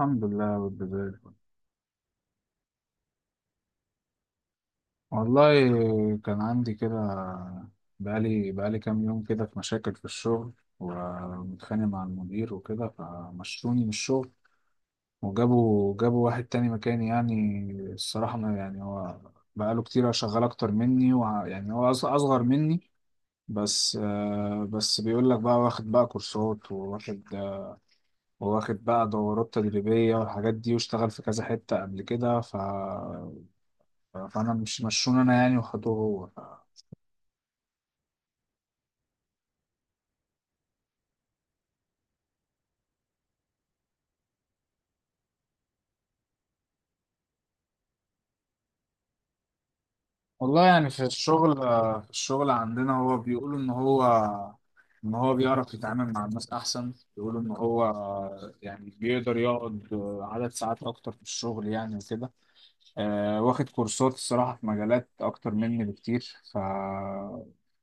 الحمد لله بالبداية. والله، كان عندي كده، بقالي كام يوم كده في مشاكل في الشغل، ومتخانق مع المدير وكده، فمشوني من الشغل، وجابوا واحد تاني مكاني يعني. الصراحة، ما يعني، هو بقاله كتير شغال أكتر مني، يعني هو أصغر مني. بس بس بيقول لك بقى واخد بقى كورسات، وواخد بقى دورات تدريبية والحاجات دي، واشتغل في كذا حتة قبل كده. فانا مش مشون انا يعني، وخدوه هو. والله يعني في الشغل، في الشغل عندنا، هو بيقولوا ان هو بيعرف يتعامل مع الناس احسن. بيقولوا ان هو، يعني بيقدر يقعد، عدد ساعات اكتر في الشغل يعني وكده. واخد كورسات، الصراحة، في مجالات اكتر مني بكتير.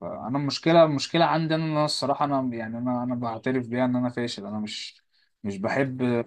فانا المشكلة عندي انا، إن أنا الصراحة انا يعني، انا بعترف بيها ان انا فاشل. انا مش بحب.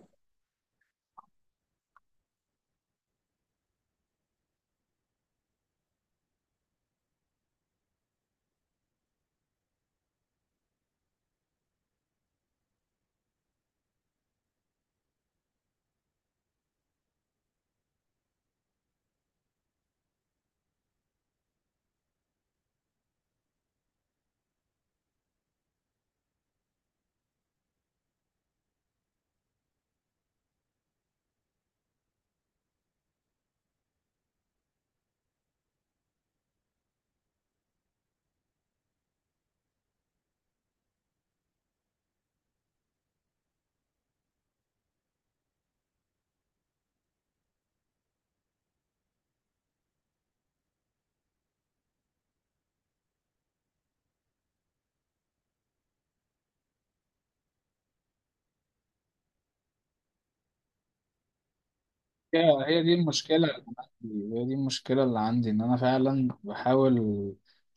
هي هي دي المشكلة. هي دي المشكلة اللي عندي، إن أنا فعلا بحاول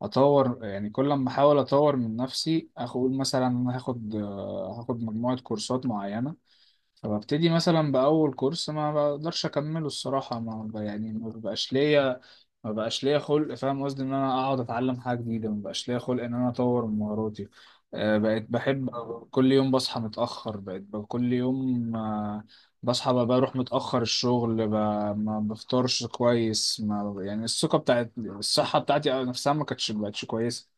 أطور. يعني كل ما أحاول أطور من نفسي أقول مثلا أنا هاخد مجموعة كورسات معينة، فببتدي مثلا بأول كورس ما بقدرش أكمله. الصراحة ما ب- يعني ما بقاش ليا خلق. فاهم قصدي، ان انا اقعد اتعلم حاجه جديده ما بقاش ليا خلق ان انا اطور من مهاراتي. بقيت بحب كل يوم بصحى متاخر. كل يوم، بصحى، بروح متاخر الشغل، ما بفطرش كويس. ما يعني الثقه بتاعت الصحه بتاعتي نفسها ما كانتش بقتش كويسه.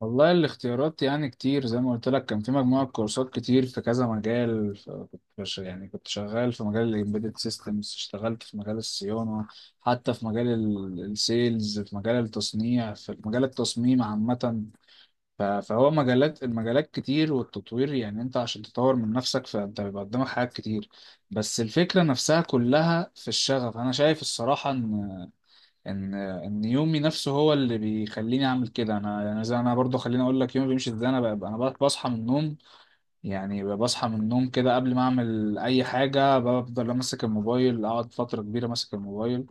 والله، الاختيارات يعني كتير. زي ما قلت لك، كان في مجموعة كورسات كتير في كذا مجال. كنت يعني كنت شغال في مجال ال Embedded Systems، اشتغلت في مجال الصيانة، حتى في مجال السيلز، في مجال التصنيع، في مجال التصميم عامة. فهو مجالات، كتير، والتطوير يعني انت عشان تطور من نفسك فانت بيبقى قدامك حاجات كتير. بس الفكرة نفسها كلها في الشغف. انا شايف الصراحة ان يومي نفسه هو اللي بيخليني اعمل كده. انا يعني، زي انا برضو خليني اقول لك يومي بيمشي ازاي. انا بصحى من النوم. يعني بصحى من النوم كده قبل ما اعمل اي حاجه، بفضل ماسك الموبايل، اقعد فتره كبيره ماسك الموبايل.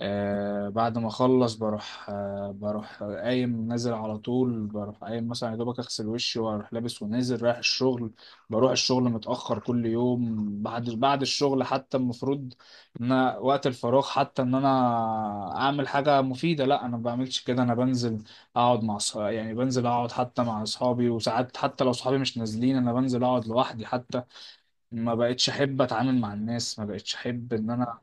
بعد ما اخلص بروح، قايم نازل على طول. بروح قايم مثلا يا دوبك اغسل وشي واروح لابس ونازل رايح الشغل. بروح الشغل متاخر كل يوم. بعد الشغل، حتى المفروض ان أنا وقت الفراغ حتى ان انا اعمل حاجه مفيده، لا، انا ما بعملش كده، انا بنزل اقعد مع صحابي. يعني بنزل اقعد حتى مع اصحابي، وساعات حتى لو صحابي مش نازلين انا بنزل اقعد لوحدي حتى. ما بقتش احب اتعامل مع الناس. ما بقتش احب ان انا.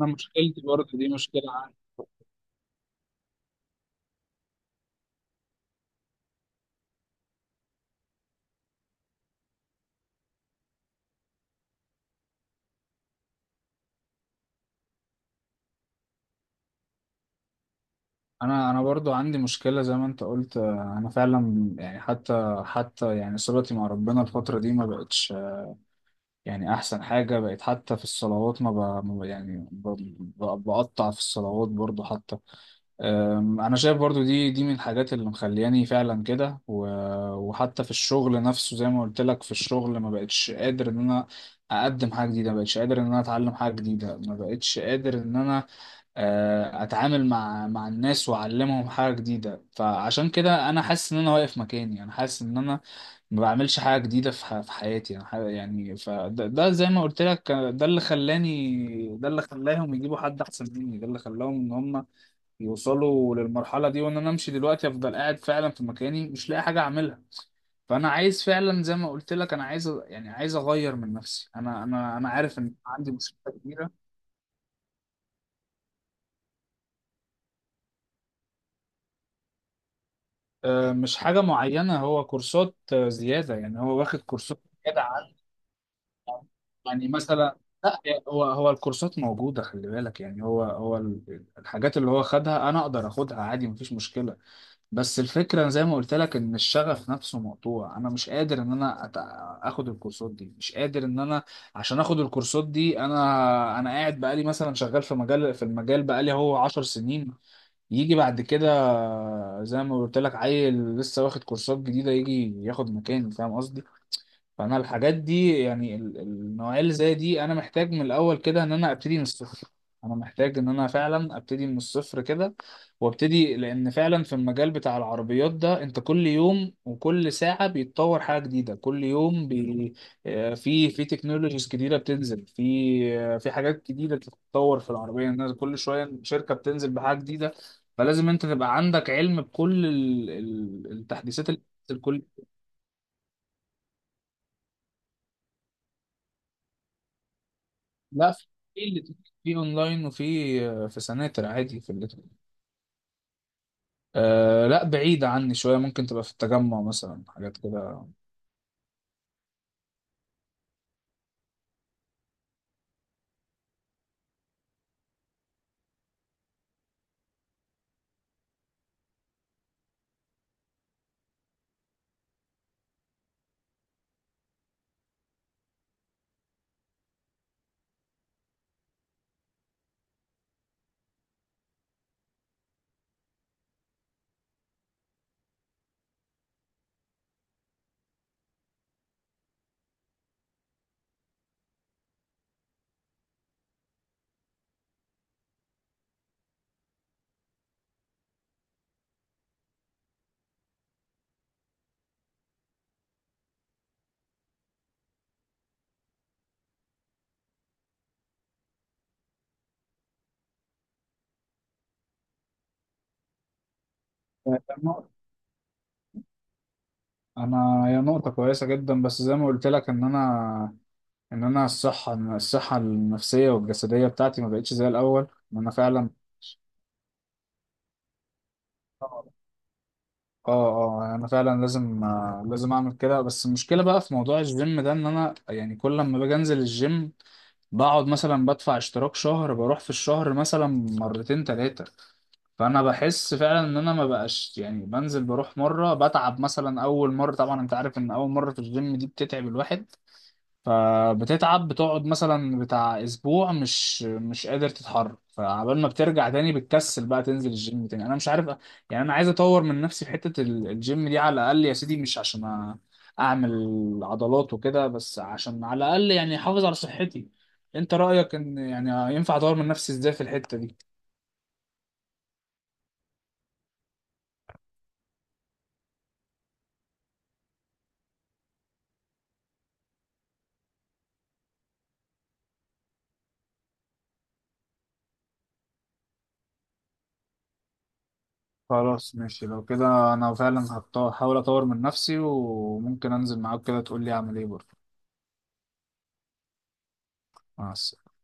انا مشكلتي برضه دي مشكلة عندي. انا برضه عندي مشكلة زي ما انت قلت. انا فعلا يعني، حتى يعني صلتي مع ربنا الفترة دي ما بقتش يعني احسن حاجة. بقت حتى في الصلوات، ما, ب... ما ب... يعني ب... ب... بقطع في الصلوات برضو حتى. انا شايف برضو دي من الحاجات اللي مخلياني فعلا كده. وحتى في الشغل نفسه، زي ما قلت لك، في الشغل ما بقتش قادر ان انا اقدم حاجه جديده. ما بقتش قادر ان انا اتعلم حاجه جديده. ما بقتش قادر ان انا، اتعامل مع الناس واعلمهم حاجه جديده. فعشان كده انا حاسس ان انا واقف مكاني. انا حاسس ان انا ما بعملش حاجة جديدة في في حياتي. يعني يعني فده زي ما قلت لك. ده اللي خلاني، ده اللي خلاهم يجيبوا حد أحسن مني. ده اللي خلاهم إن هم يوصلوا للمرحلة دي، وإن أنا أمشي دلوقتي. أفضل قاعد فعلا في مكاني مش لاقي حاجة أعملها. فأنا عايز فعلا، زي ما قلت لك، أنا عايز يعني عايز أغير من نفسي. أنا عارف إن عندي مشكلة كبيرة. مش حاجة معينة. هو كورسات زيادة. يعني هو واخد كورسات زيادة. يعني مثلا، لا، هو الكورسات موجودة. خلي بالك، يعني هو الحاجات اللي هو خدها أنا أقدر أخدها عادي، مفيش مشكلة. بس الفكرة زي ما قلت لك، إن الشغف نفسه مقطوع. أنا مش قادر إن أنا آخد الكورسات دي. مش قادر إن أنا، عشان آخد الكورسات دي، أنا قاعد بقالي مثلا شغال في مجال، في المجال، بقالي هو 10 سنين. يجي بعد كده، زي ما قلت لك، عيل لسه واخد كورسات جديدة يجي ياخد مكاني. فاهم قصدي؟ فانا الحاجات دي، يعني النوعيه اللي زي دي، انا محتاج من الاول كده ان انا ابتدي من الصفر. انا محتاج ان انا فعلا ابتدي من الصفر كده، وابتدي، لان فعلا في المجال بتاع العربيات ده، انت كل يوم وكل ساعه بيتطور حاجه جديده كل يوم في تكنولوجيز جديده بتنزل. في في حاجات جديده بتتطور في العربيه، الناس كل شويه شركه بتنزل بحاجه جديده. فلازم انت تبقى عندك علم بكل التحديثات اللي بتنزل كل لا في اللي في اونلاين، وفي في سناتر عادي في اللي لا بعيدة عني شوية، ممكن تبقى في التجمع مثلا حاجات كده. انا هي نقطة كويسة جدا. بس زي ما قلت لك ان انا، إن الصحة النفسية والجسدية بتاعتي ما بقتش زي الاول. ان انا فعلا. اه، اه. يعني انا فعلا لازم، لازم اعمل كده. بس المشكلة بقى في موضوع الجيم ده، ان انا يعني كل لما باجي انزل الجيم، بقعد مثلا بدفع اشتراك شهر، بروح في الشهر مثلا مرتين تلاتة. فانا بحس فعلا ان انا ما بقاش، يعني بنزل بروح مره بتعب. مثلا اول مره طبعا انت عارف ان اول مره في الجيم دي بتتعب الواحد. فبتتعب، بتقعد مثلا بتاع اسبوع مش قادر تتحرك. فعبال ما بترجع تاني بتكسل بقى تنزل الجيم تاني. انا مش عارف، يعني انا عايز اطور من نفسي في حته الجيم دي على الاقل يا سيدي. مش عشان اعمل عضلات وكده، بس عشان على الاقل يعني احافظ على صحتي. انت رايك ان يعني ينفع اطور من نفسي ازاي في الحته دي؟ خلاص ماشي، لو كده انا فعلا هحاول اطور من نفسي، وممكن انزل معاك كده تقول لي اعمل ايه برضه. مع السلامة.